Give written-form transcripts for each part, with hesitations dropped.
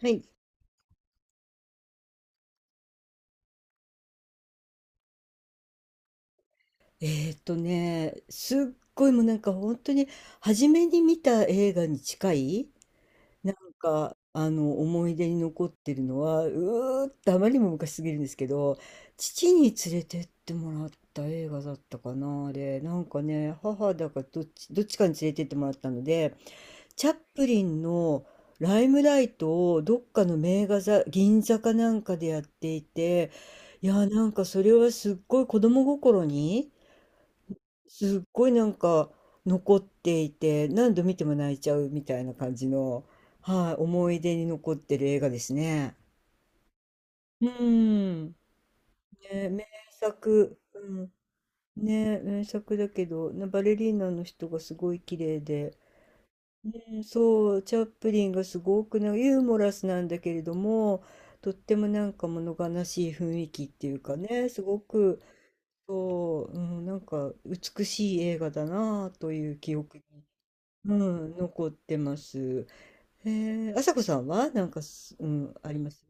はい。すっごいもうなんか本当に初めに見た映画に近い、なんかあの思い出に残ってるのは、うーっとあまりにも昔すぎるんですけど、父に連れてってもらった映画だったかな、あれ。なんかね、母だかどっちかに連れてってもらったので、チャップリンのライムライトをどっかの名画座、銀座かなんかでやっていて、いやーなんかそれはすっごい子供心に、すっごいなんか残っていて、何度見ても泣いちゃうみたいな感じの、はい、思い出に残ってる映画ですね。うん。ね、名作、うん。ね、名作だけど、なバレリーナの人がすごい綺麗で、うん、そう、チャップリンがすごくなユーモラスなんだけれども、とってもなんか物悲しい雰囲気っていうかね、すごく、そう、うん、なんか美しい映画だなあという記憶、うん、残ってます。へえ、あさこさんはなんかうん、あります。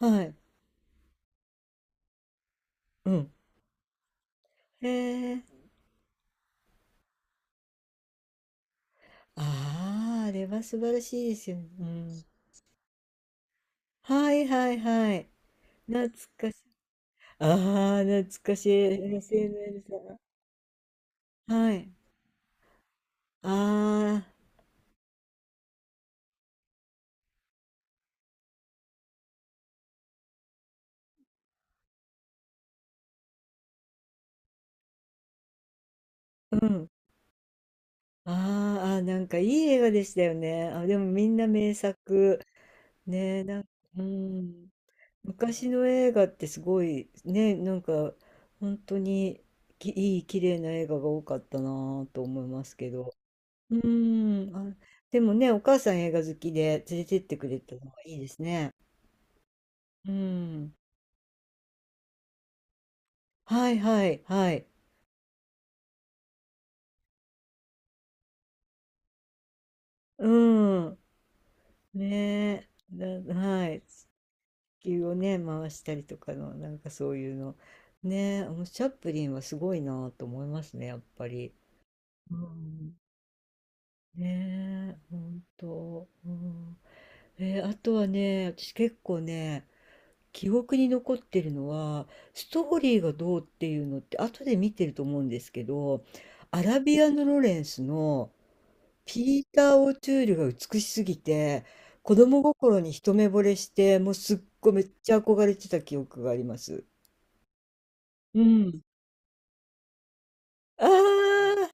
はい。うん。へえ。ああ、あれは素晴らしいですよね。うん。はいはいはい。懐かしい。ああ、懐かしい。s n さん。はい。ああ、うん。あーあー、なんかいい映画でしたよね。あ、でもみんな名作。ねえ、うん。昔の映画ってすごいね、なんか本当にきいい綺麗な映画が多かったなぁと思いますけど。うーん、あ、でもね、お母さん映画好きで連れてってくれたのはいいですね。うん。はいはいはい。うん。ねえ。はい。地球をね、回したりとかの、なんかそういうの。ねえ、あのチャップリンはすごいなぁと思いますね、やっぱり。うん。ねえ、本当。うん。あとはね、私結構ね、記憶に残ってるのは、ストーリーがどうっていうのって、後で見てると思うんですけど、アラビアのロレンスのピーター・オチュールが美しすぎて、子供心に一目惚れして、もうすっごいめっちゃ憧れてた記憶があります。うん。ああ、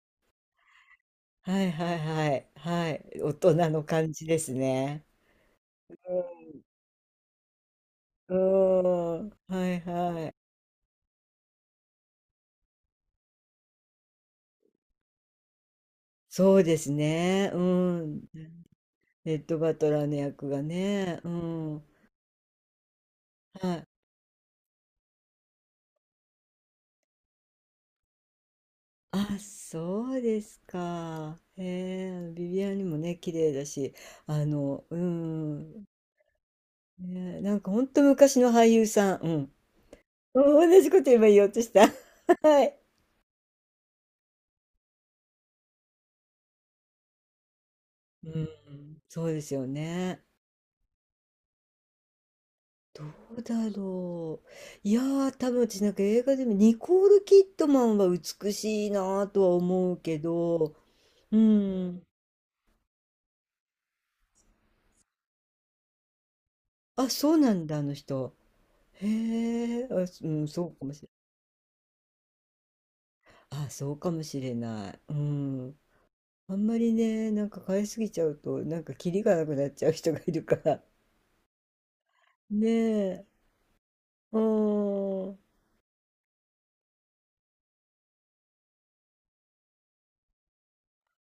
はいはいはい、はい、大人の感じですね。うん、はいはい。そうですね。うん。レッド・バトラーの役がね。うん。はい。あ、そうですか。へえ、あのビビアンにもね、綺麗だし、あの、うん。ね、なんか本当昔の俳優さん。うん。同じこと今言おうとした。はい。うん。そうですよね。どうだろう。いやー、多分私なんか映画でもニコール・キッドマンは美しいなとは思うけど、うん。あ、そうなんだ、あの人。へえ、あ、うん、そうかもしれない、あ、そうかもしれない。うん。あんまりね、なんか買いすぎちゃうと、なんかキリがなくなっちゃう人がいるから。ねえ。うーん。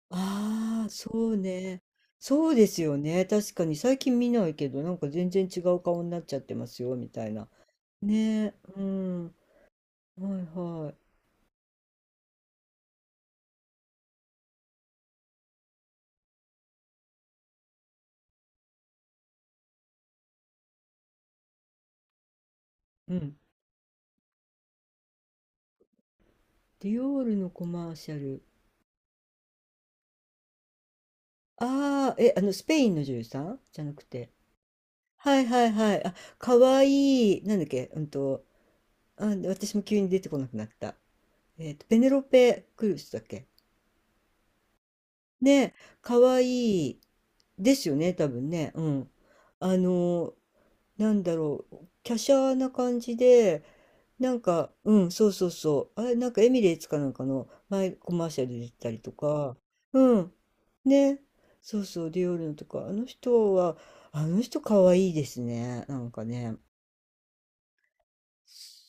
ああ、そうね。そうですよね。確かに最近見ないけど、なんか全然違う顔になっちゃってますよ、みたいな。ねえ。うん。はいはい。うん。ディオールのコマーシャル。ああ、え、あの、スペインの女優さんじゃなくて。はいはいはい。あ、かわいい。なんだっけ、あ、私も急に出てこなくなった。ペネロペ・クルスだっけね、かわいいですよね、多分ね。うん。あの、なんだろう、華奢な感じで、なんか、うん、そうそうそう。あれ、なんかエミレーツかなんかの前コマーシャルで出てたりとか、うん。ね、そうそう、ディオールのとか、あの人は、あの人かわいいですね。なんかね。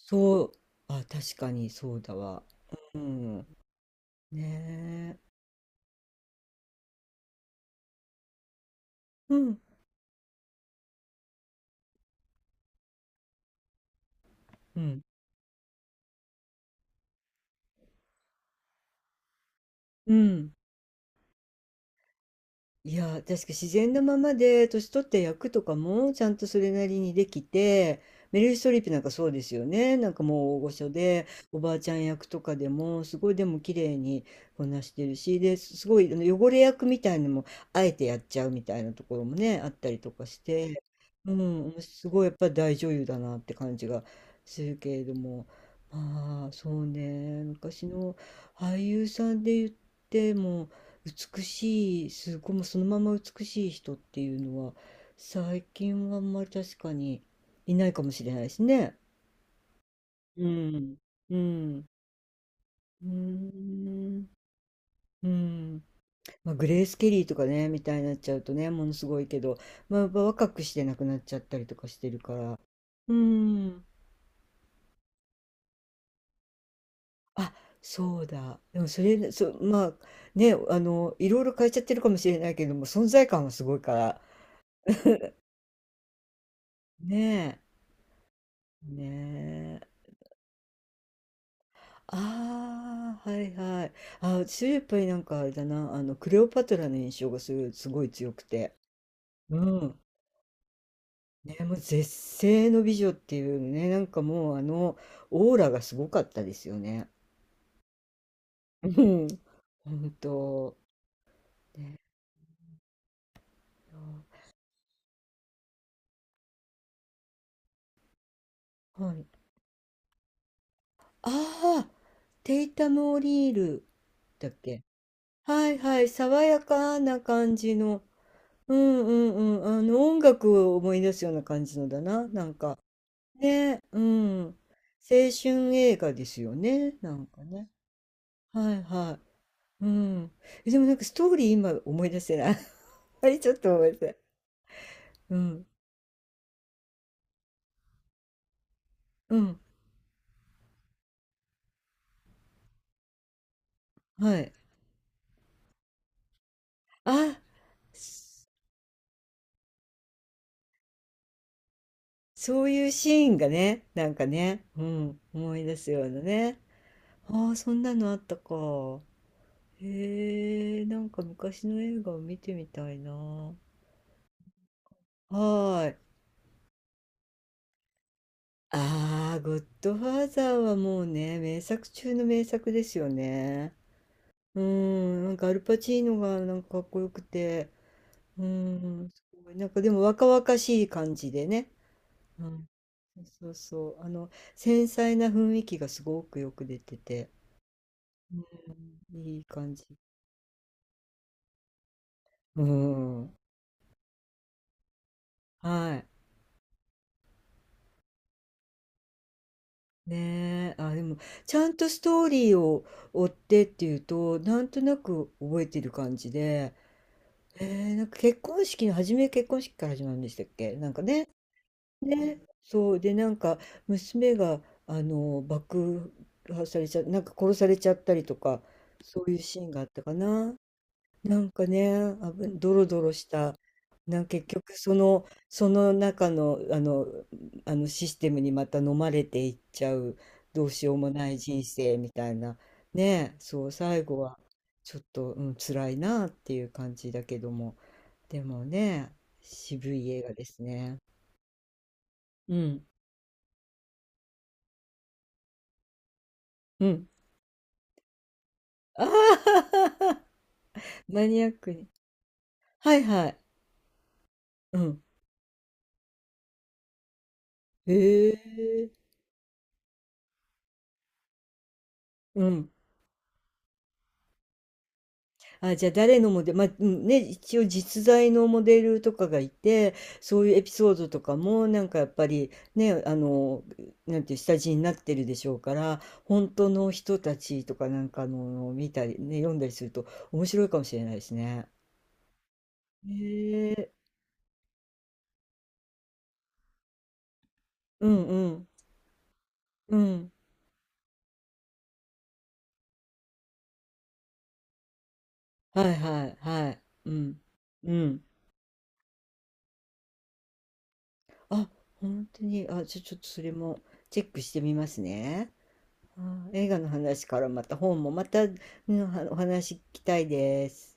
そう、あ、確かにそうだわ。うん。ねえ。うん。うん。うん。いやー、確か自然なままで、年取って役とかもちゃんとそれなりにできて、メリル・ストリープなんかそうですよね。なんかもう大御所で、おばあちゃん役とかでも、すごいでも綺麗にこなしてるし、で、すごいあの汚れ役みたいのも、あえてやっちゃうみたいなところもね、あったりとかして、うん、すごいやっぱり大女優だなって感じがするけれども、まあ、そうね、昔の俳優さんで言っても、美しい、すごい、もうそのまま美しい人っていうのは、最近はあんまり確かにいないかもしれないですね。うん。うん。うーん。うん。まあ、グレース・ケリーとかね、みたいになっちゃうとね、ものすごいけど、まあ、やっぱ若くして亡くなっちゃったりとかしてるから。うん。あ、そうだ。でもそれ、まあ、ね、あの、いろいろ変えちゃってるかもしれないけども、存在感はすごいから。ねえ。ねえ。ああ、はいはい。あ、私やっぱりなんかあれだな、あの、クレオパトラの印象がすごい強くて。うん。ね、もう絶世の美女っていうね、なんかもうオーラがすごかったですよね。うん。本当。ね、あ、はい。ああ、テイタム・オリールだっけ。はいはい、爽やかな感じの。うんうんうん。あの、音楽を思い出すような感じのだな、なんか。ね、うん。青春映画ですよね、なんかね。はいはい。うん。え、でもなんかストーリー今思い出せない。あれちょっと思い出せない。うん。うん。はい。あ、そそういうシーンがね、なんかね、うん、思い出すようなね。ああ、そんなのあったか。へえ、なんか昔の映画を見てみたいな。はーい。ああ、ゴッドファーザーはもうね、名作中の名作ですよね。うん、なんかアルパチーノがなんかかっこよくて、うん、すごい。なんかでも若々しい感じでね。うん。そうそう。あの、繊細な雰囲気がすごくよく出てて、うんいい感じ。うん。はい。ねえ。あ、でも、ちゃんとストーリーを追ってっていうと、なんとなく覚えてる感じで、えなんか結婚式の結婚式から始まるんでしたっけなんかね。ね、そう、で、なんか、娘が、あの、爆破されちゃ、なんか殺されちゃったりとか、そういうシーンがあったかな。なんかね、ドロドロした、なんか結局、その中の、あのシステムにまた飲まれていっちゃう、どうしようもない人生みたいな、ね、そう、最後は、ちょっと、うん、辛いなっていう感じだけども、でもね、渋い映画ですね。うん、うん。ああ、マニアックに。はいはい。うん。へえ。うん。あ、じゃあ誰のモデル、まあ、うんね、一応実在のモデルとかがいて、そういうエピソードとかも、なんかやっぱりね、あの、なんていう下地になってるでしょうから、本当の人たちとかなんかの見たり、ね、読んだりすると面白いかもしれないですね。へえ。うんうん。うん。はいはいはい。うん。うん。あ、本当に。あ、じゃ、ちょっとそれもチェックしてみますね。あー映画の話からまた本もまた、うん、お話聞きたいです。